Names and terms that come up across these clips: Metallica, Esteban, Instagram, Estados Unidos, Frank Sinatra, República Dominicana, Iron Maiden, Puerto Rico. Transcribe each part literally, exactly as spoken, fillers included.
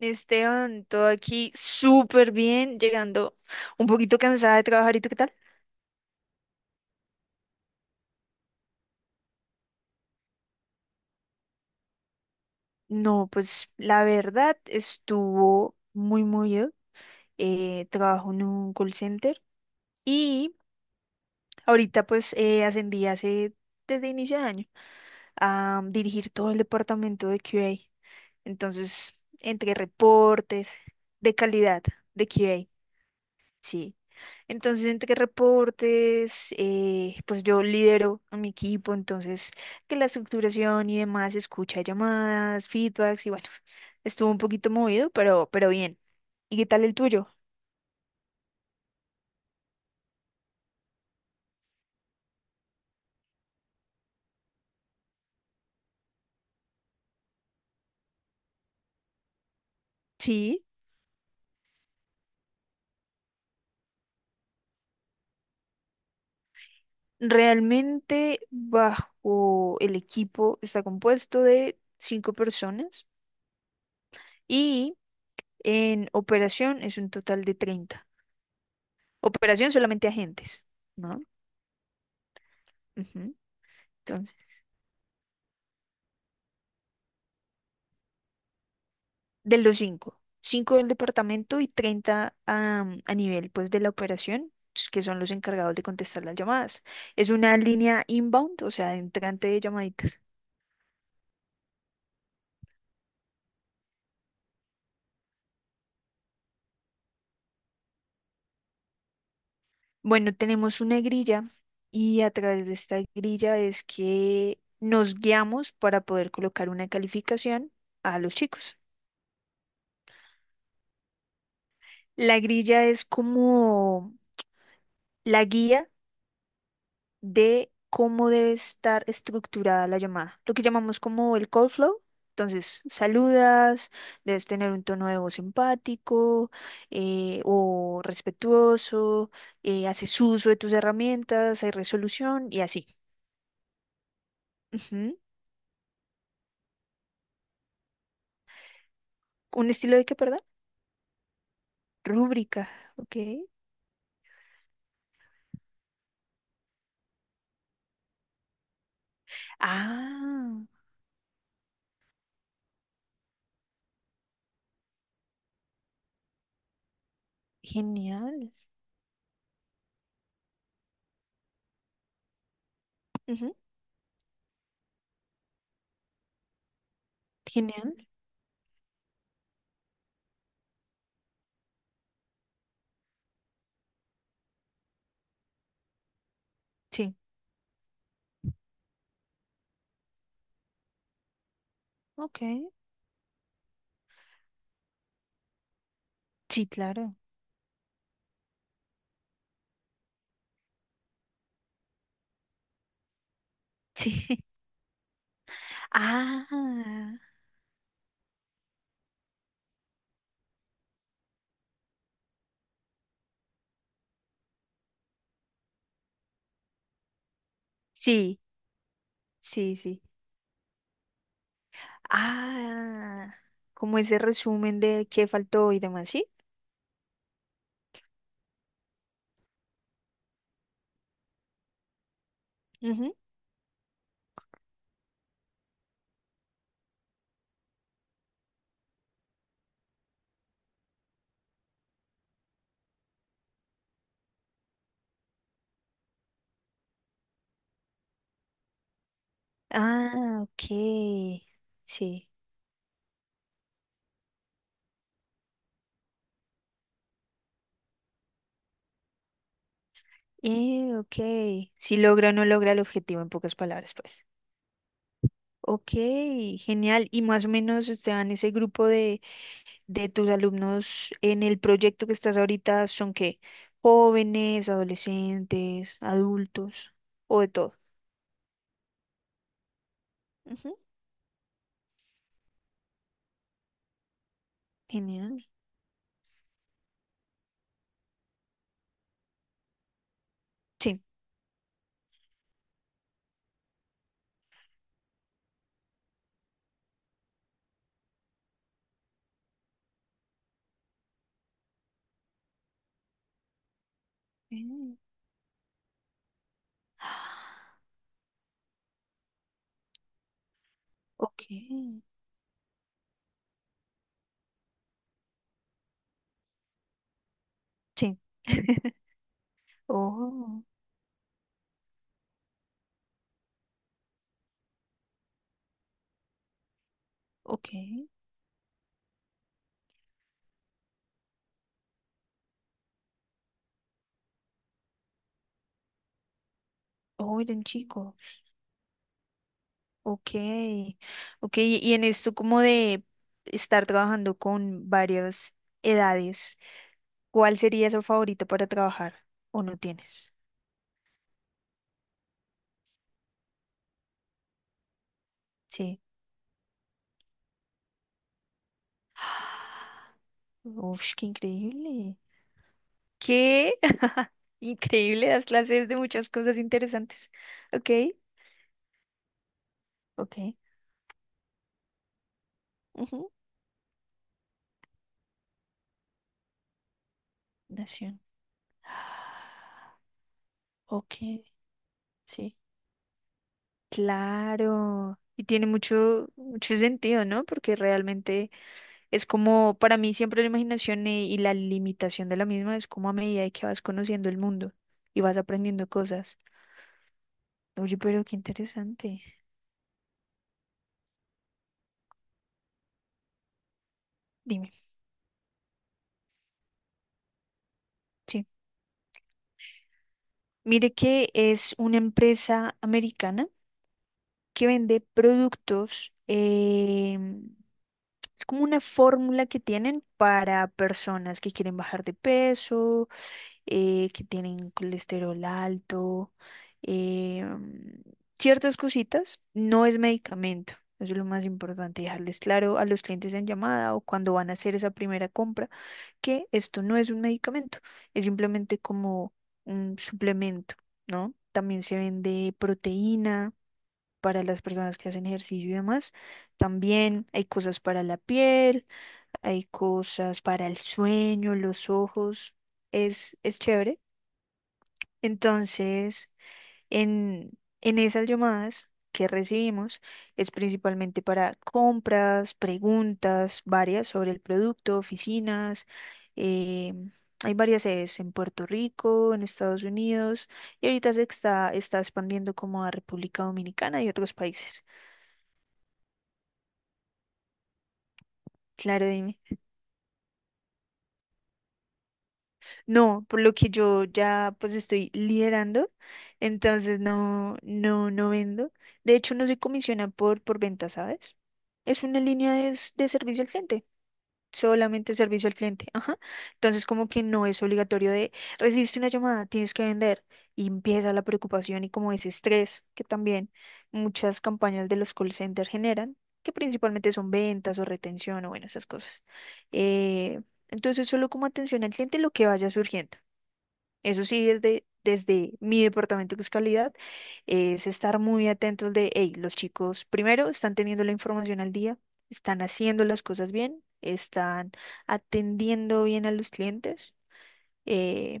Esteban, todo aquí súper bien, llegando un poquito cansada de trabajar. ¿Y tú qué tal? No, pues la verdad estuvo muy movido. Eh, eh, trabajo en un call center y ahorita pues eh, ascendí hace desde inicio de año a dirigir todo el departamento de Q A. Entonces, entre reportes de calidad de Q A, sí. Entonces, entre reportes, eh, pues yo lidero a mi equipo, entonces que la estructuración y demás, escucha llamadas, feedbacks y bueno, estuvo un poquito movido, pero, pero bien. ¿Y qué tal el tuyo? Sí, realmente bajo el equipo está compuesto de cinco personas y en operación es un total de treinta. Operación solamente agentes, ¿no? Ujú. De los cinco, cinco del departamento y treinta a, a nivel pues de la operación, s- que son los encargados de contestar las llamadas. Es una línea inbound, o sea, entrante de llamaditas. Bueno, tenemos una grilla y a través de esta grilla es que nos guiamos para poder colocar una calificación a los chicos. La grilla es como la guía de cómo debe estar estructurada la llamada, lo que llamamos como el call flow. Entonces, saludas, debes tener un tono de voz empático, eh, o respetuoso, eh, haces uso de tus herramientas, hay resolución y así. Ujú. ¿Un estilo de qué, perdón? Rúbrica, ok. Ah, genial. Ujú. Genial, sí, ok. Sí, claro. Sí. Ah, sí, sí, sí. Ah, como ese resumen de qué faltó y demás, ¿sí? Ujú. Ah, ok. Sí. Eh, ok. Si logra o no logra el objetivo, en pocas palabras, pues. Ok, genial. Y más o menos, Esteban, ese grupo de, de tus alumnos en el proyecto que estás ahorita, ¿son qué? ¿Jóvenes, adolescentes, adultos o de todo? Ujú. Genial. Sí. Mm. Ok. Sí. Oh, ok. Oh, eran chico. Ok. Ok, y en esto como de estar trabajando con varias edades, ¿cuál sería su favorito para trabajar? ¿O no tienes? Sí. Uf, qué increíble. ¿Qué? Increíble, das clases de muchas cosas interesantes. Ok, ok. Ujú. Nación. Ok, sí. Claro, y tiene mucho, mucho sentido, ¿no? Porque realmente es como, para mí siempre la imaginación e- y la limitación de la misma es como a medida de que vas conociendo el mundo y vas aprendiendo cosas. Oye, pero qué interesante. Dime, sí. Mire que es una empresa americana que vende productos, em, es como una fórmula que tienen para personas que quieren bajar de peso, eh, que tienen colesterol alto, eh, mm, ciertas cositas. No es medicamento. Eso es lo más importante, dejarles claro a los clientes en llamada o cuando van a hacer esa primera compra que esto no es un medicamento, es simplemente como un suplemento, ¿no? También se vende proteína para las personas que hacen ejercicio y demás. También hay cosas para la piel, hay cosas para el sueño, los ojos. Es, es chévere. Entonces, en, en esas llamadas que recibimos es principalmente para compras, preguntas varias sobre el producto, oficinas. eh, Hay varias sedes en Puerto Rico, en Estados Unidos y ahorita se está, está expandiendo como a República Dominicana y otros países. Claro, dime. No, por lo que yo ya pues estoy liderando, entonces no, no, no vendo. De hecho, no soy comisionada por, por venta, ¿sabes? Es una línea de, s- de servicio al cliente, solamente servicio al cliente, ajá. Entonces como que no es obligatorio de, recibiste una llamada, tienes que vender. Y empieza la preocupación y como ese estrés que también muchas campañas de los call centers generan, que principalmente son ventas o retención o bueno, esas cosas. Eh, entonces solo como atención al cliente lo que vaya surgiendo. Eso sí, desde, desde mi departamento que es calidad, es estar muy atentos de, hey, los chicos primero están teniendo la información al día, están haciendo las cosas bien, están atendiendo bien a los clientes, eh,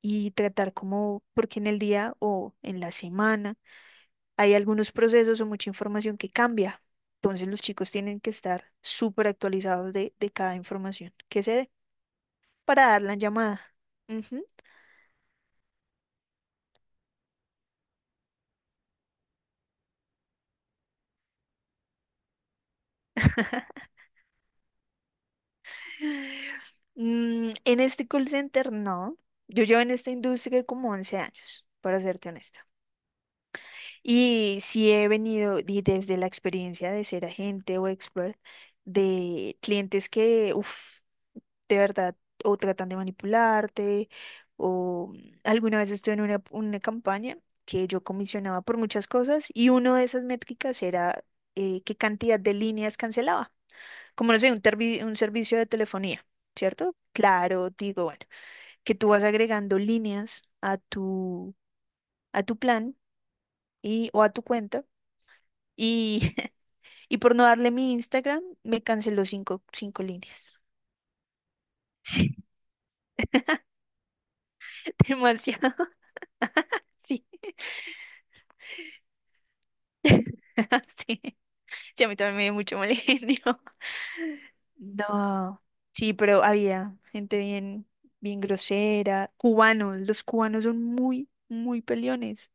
y tratar como, porque en el día o en la semana hay algunos procesos o mucha información que cambia. Entonces los chicos tienen que estar súper actualizados de, de cada información que se dé para dar la llamada. Ujú. Mm, en este call center no. Yo llevo en esta industria como once años, para serte honesta. Y sí he venido y desde la experiencia de ser agente o expert de clientes que, uff, de verdad, o tratan de manipularte, o mm, alguna vez estuve en una, una campaña que yo comisionaba por muchas cosas y una de esas métricas era eh, qué cantidad de líneas cancelaba como no sé, un, tervi- un servicio de telefonía, ¿cierto? Claro, digo, bueno, que tú vas agregando líneas a tu, a tu plan y, o a tu cuenta y, y por no darle mi Instagram me canceló cinco, cinco líneas. Sí, demasiado. Sí, sí. Sí, a mí también me dio mucho mal genio. No, sí, pero había gente bien, bien grosera, cubanos, los cubanos son muy, muy peleones.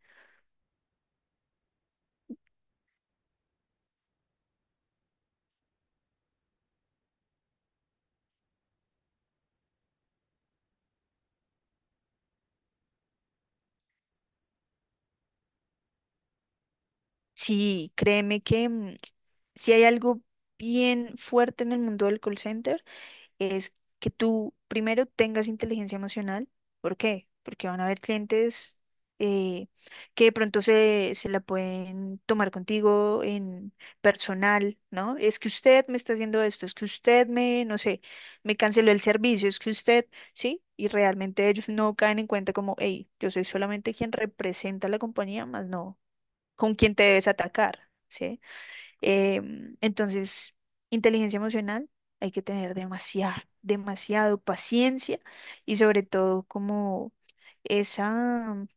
Sí, créeme que mm, si hay algo bien fuerte en el mundo del call center es que tú primero tengas inteligencia emocional. ¿Por qué? Porque van a haber clientes eh, que de pronto se, se la pueden tomar contigo en personal, ¿no? Es que usted me está haciendo esto, es que usted me, no sé, me canceló el servicio, es que usted, ¿sí? Y realmente ellos no caen en cuenta como, hey, yo soy solamente quien representa a la compañía, más no con quién te debes atacar, ¿sí? Em, entonces, inteligencia emocional, hay que tener demasiado, demasiado paciencia y sobre todo como esa,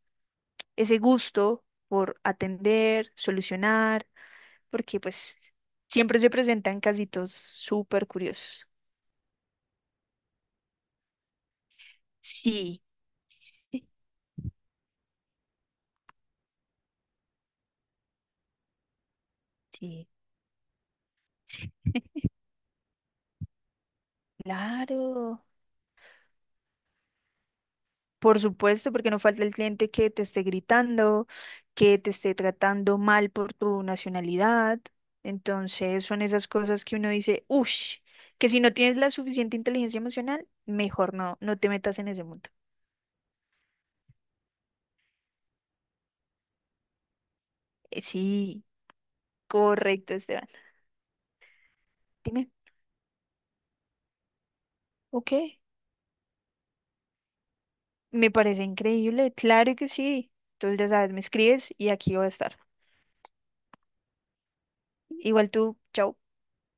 ese gusto por atender, solucionar, porque pues siempre se presentan casitos súper curiosos. Sí, sí, sí, claro. Por supuesto, porque no falta el cliente que te esté gritando, que te esté tratando mal por tu nacionalidad. Entonces son esas cosas que uno dice, uff, que si no tienes la suficiente inteligencia emocional, mejor no, no te metas en ese mundo. Eh, Sí, correcto, Esteban. Dime, ok, me parece increíble, claro que sí. Entonces ya sabes, me escribes y aquí voy a estar. Igual tú, chao.